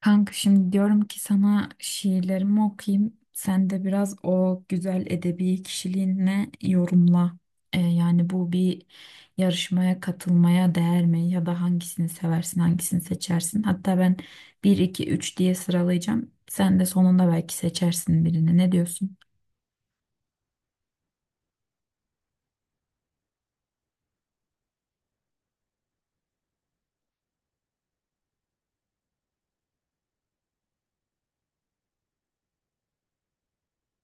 Kanka şimdi diyorum ki sana şiirlerimi okuyayım. Sen de biraz o güzel edebi kişiliğinle yorumla. Yani bu bir yarışmaya katılmaya değer mi? Ya da hangisini seversin, hangisini seçersin? Hatta ben bir 2 3 diye sıralayacağım. Sen de sonunda belki seçersin birini. Ne diyorsun?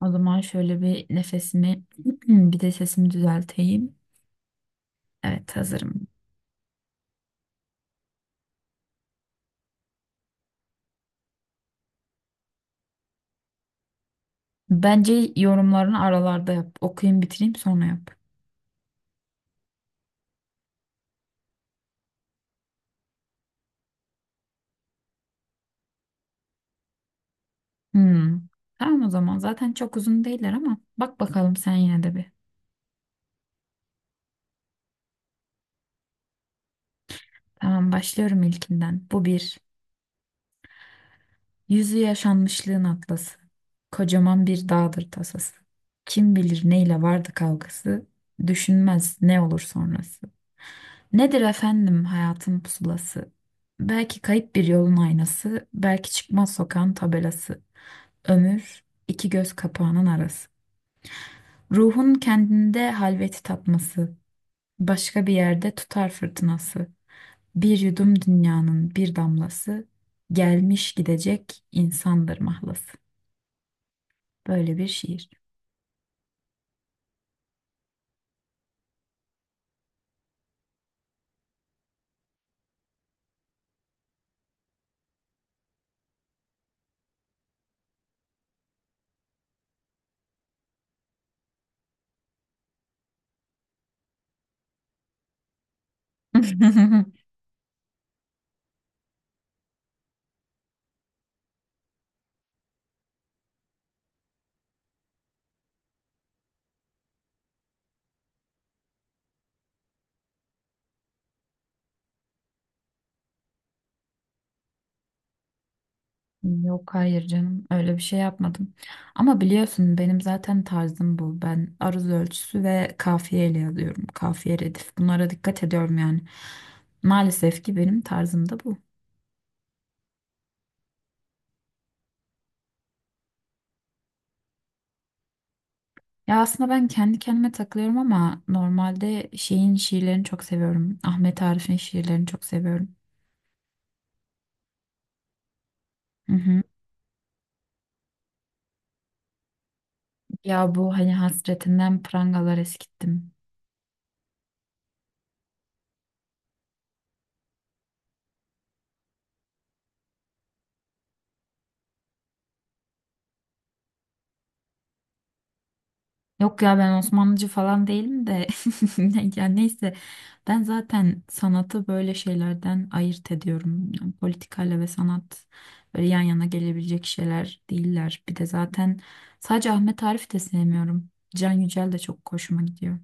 O zaman şöyle bir nefesimi, bir de sesimi düzelteyim. Evet hazırım. Bence yorumlarını aralarda yap. Okuyayım bitireyim sonra yap. Hmm. Tamam o zaman. Zaten çok uzun değiller ama bak bakalım sen yine de bir. Tamam başlıyorum ilkinden. Bu bir. Yüzü yaşanmışlığın atlası. Kocaman bir dağdır tasası. Kim bilir neyle vardı kavgası. Düşünmez ne olur sonrası. Nedir efendim hayatın pusulası? Belki kayıp bir yolun aynası. Belki çıkmaz sokağın tabelası. Ömür iki göz kapağının arası. Ruhun kendinde halveti tatması. Başka bir yerde tutar fırtınası. Bir yudum dünyanın bir damlası. Gelmiş gidecek insandır mahlası. Böyle bir şiir. Yok, hayır canım, öyle bir şey yapmadım. Ama biliyorsun benim zaten tarzım bu. Ben aruz ölçüsü ve kafiyeyle yazıyorum. Kafiye, redif. Bunlara dikkat ediyorum yani. Maalesef ki benim tarzım da bu. Ya aslında ben kendi kendime takılıyorum ama normalde şeyin şiirlerini çok seviyorum. Ahmet Arif'in şiirlerini çok seviyorum. Hı hı. Ya bu hani hasretinden prangalar eskittim. Yok ya, ben Osmanlıcı falan değilim de ya neyse, ben zaten sanatı böyle şeylerden ayırt ediyorum. Yani politikayla ve sanat böyle yan yana gelebilecek şeyler değiller. Bir de zaten sadece Ahmet Arif de sevmiyorum. Can Yücel de çok hoşuma gidiyor.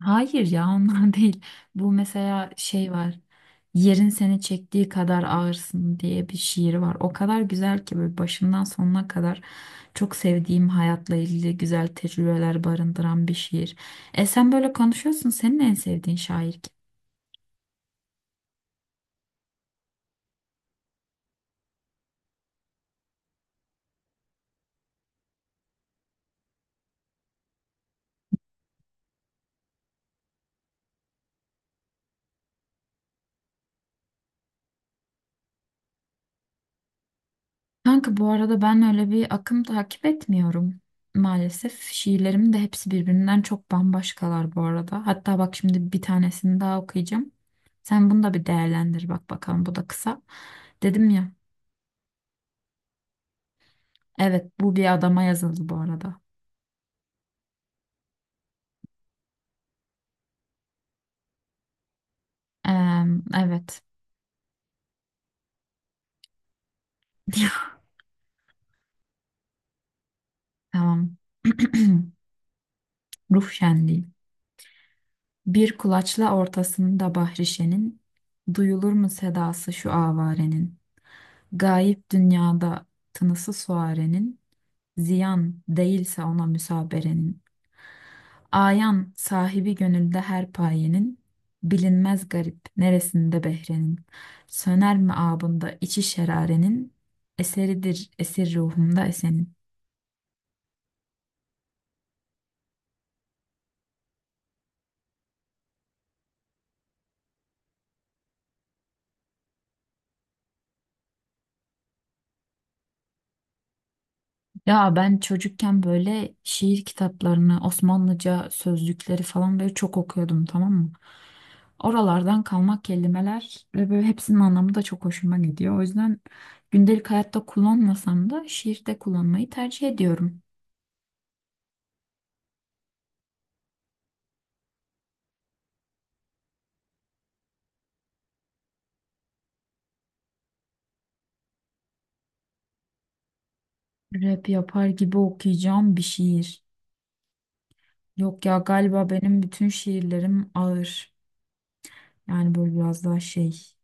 Hayır, ya ondan değil. Bu mesela şey var. Yerin seni çektiği kadar ağırsın diye bir şiir var. O kadar güzel ki böyle başından sonuna kadar çok sevdiğim, hayatla ilgili güzel tecrübeler barındıran bir şiir. E sen böyle konuşuyorsun. Senin en sevdiğin şair kim? Kanka, bu arada ben öyle bir akım takip etmiyorum maalesef. Şiirlerim de hepsi birbirinden çok bambaşkalar bu arada. Hatta bak, şimdi bir tanesini daha okuyacağım. Sen bunu da bir değerlendir, bak bakalım, bu da kısa. Dedim ya, evet, bu bir adama yazıldı bu arada. Eee, evet. Tamam. Ruh şenliği. Bir kulaçla ortasında bahrişenin, duyulur mu sedası şu avarenin? Gayip dünyada tınısı suarenin, ziyan değilse ona müsaberenin. Ayan sahibi gönülde her payenin, bilinmez garip neresinde behrenin. Söner mi abında içi şerarenin, eseridir esir ruhumda esenin. Ya ben çocukken böyle şiir kitaplarını, Osmanlıca sözlükleri falan böyle çok okuyordum, tamam mı? Oralardan kalma kelimeler ve böyle hepsinin anlamı da çok hoşuma gidiyor. O yüzden gündelik hayatta kullanmasam da şiirde kullanmayı tercih ediyorum. Rap yapar gibi okuyacağım bir şiir. Yok ya, galiba benim bütün şiirlerim ağır. Yani böyle biraz daha şey.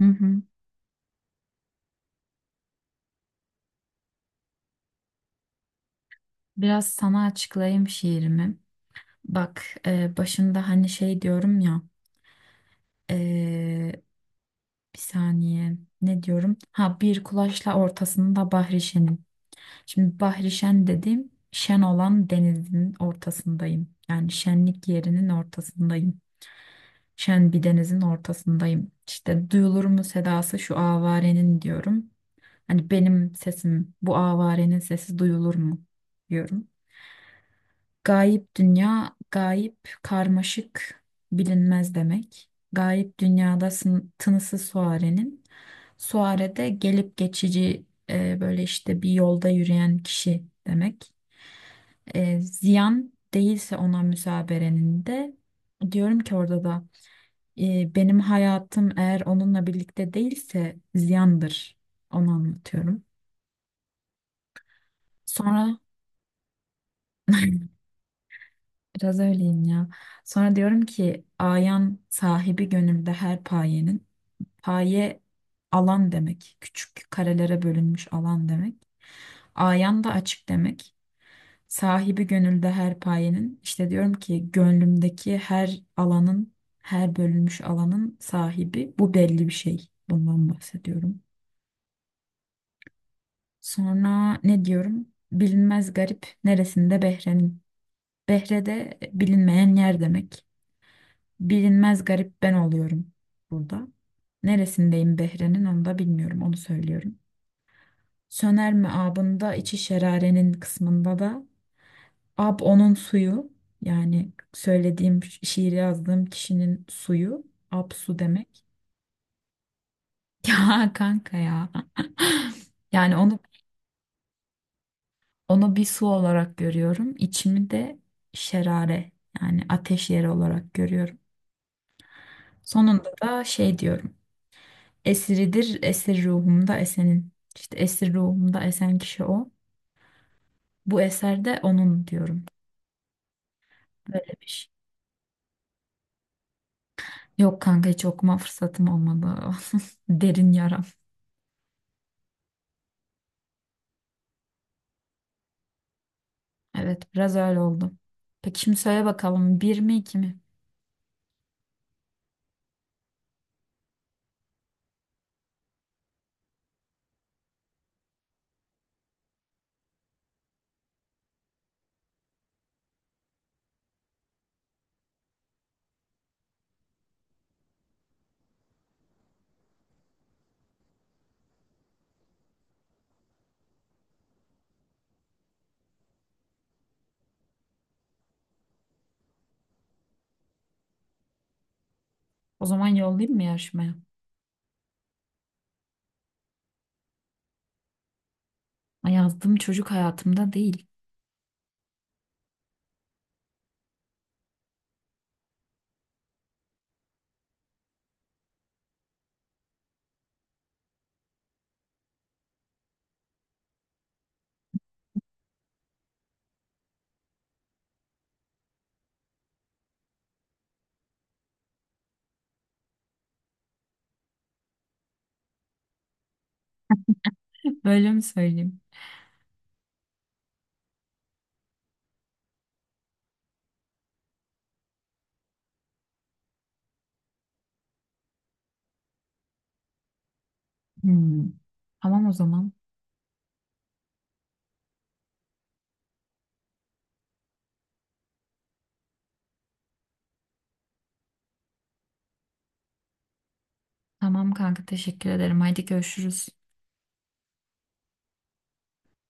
Hı hı. Biraz sana açıklayayım şiirimi. Bak, başında hani şey diyorum ya. Ee, Bir saniye, ne diyorum? Ha, bir kulaçla ortasında Bahrişen'im. Şimdi Bahrişen dediğim şen olan denizin ortasındayım. Yani şenlik yerinin ortasındayım. Şen bir denizin ortasındayım. İşte duyulur mu sedası şu avarenin diyorum. Hani benim sesim, bu avarenin sesi duyulur mu diyorum. Gayip dünya, gayip karmaşık, bilinmez demek. Gayip dünyada tınısı suarenin. Suare de gelip geçici, böyle işte bir yolda yürüyen kişi demek. Ziyan değilse ona müsaberenin de diyorum ki, orada da benim hayatım eğer onunla birlikte değilse ziyandır. Onu anlatıyorum. Sonra biraz öyleyim ya. Sonra diyorum ki ayan sahibi gönülde her payenin. Paye alan demek. Küçük karelere bölünmüş alan demek. Ayan da açık demek. Sahibi gönülde her payenin. İşte diyorum ki gönlümdeki her alanın, her bölünmüş alanın sahibi. Bu belli bir şey. Bundan bahsediyorum. Sonra ne diyorum? Bilinmez garip neresinde Behre'nin. Behre de bilinmeyen yer demek. Bilinmez garip ben oluyorum burada. Neresindeyim Behre'nin, onu da bilmiyorum, onu söylüyorum. Söner mi abında içi şerarenin kısmında da ab onun suyu, yani söylediğim şiiri yazdığım kişinin suyu, ab su demek. Ya kanka ya. Yani onu bir su olarak görüyorum. İçimi de şerare, yani ateş yeri olarak görüyorum. Sonunda da şey diyorum. Esiridir, esir ruhumda esenin. İşte esir ruhumda esen kişi o. Bu eserde onun diyorum. Böyle bir şey. Yok kanka, hiç okuma fırsatım olmadı. Derin yaram. Evet, biraz öyle oldu. Peki şimdi söyle bakalım, bir mi iki mi? O zaman yollayayım mı yarışmaya? Ay, yazdığım çocuk hayatımda değil. Böyle mi söyleyeyim? Hmm. Tamam o zaman. Tamam kanka, teşekkür ederim. Haydi görüşürüz.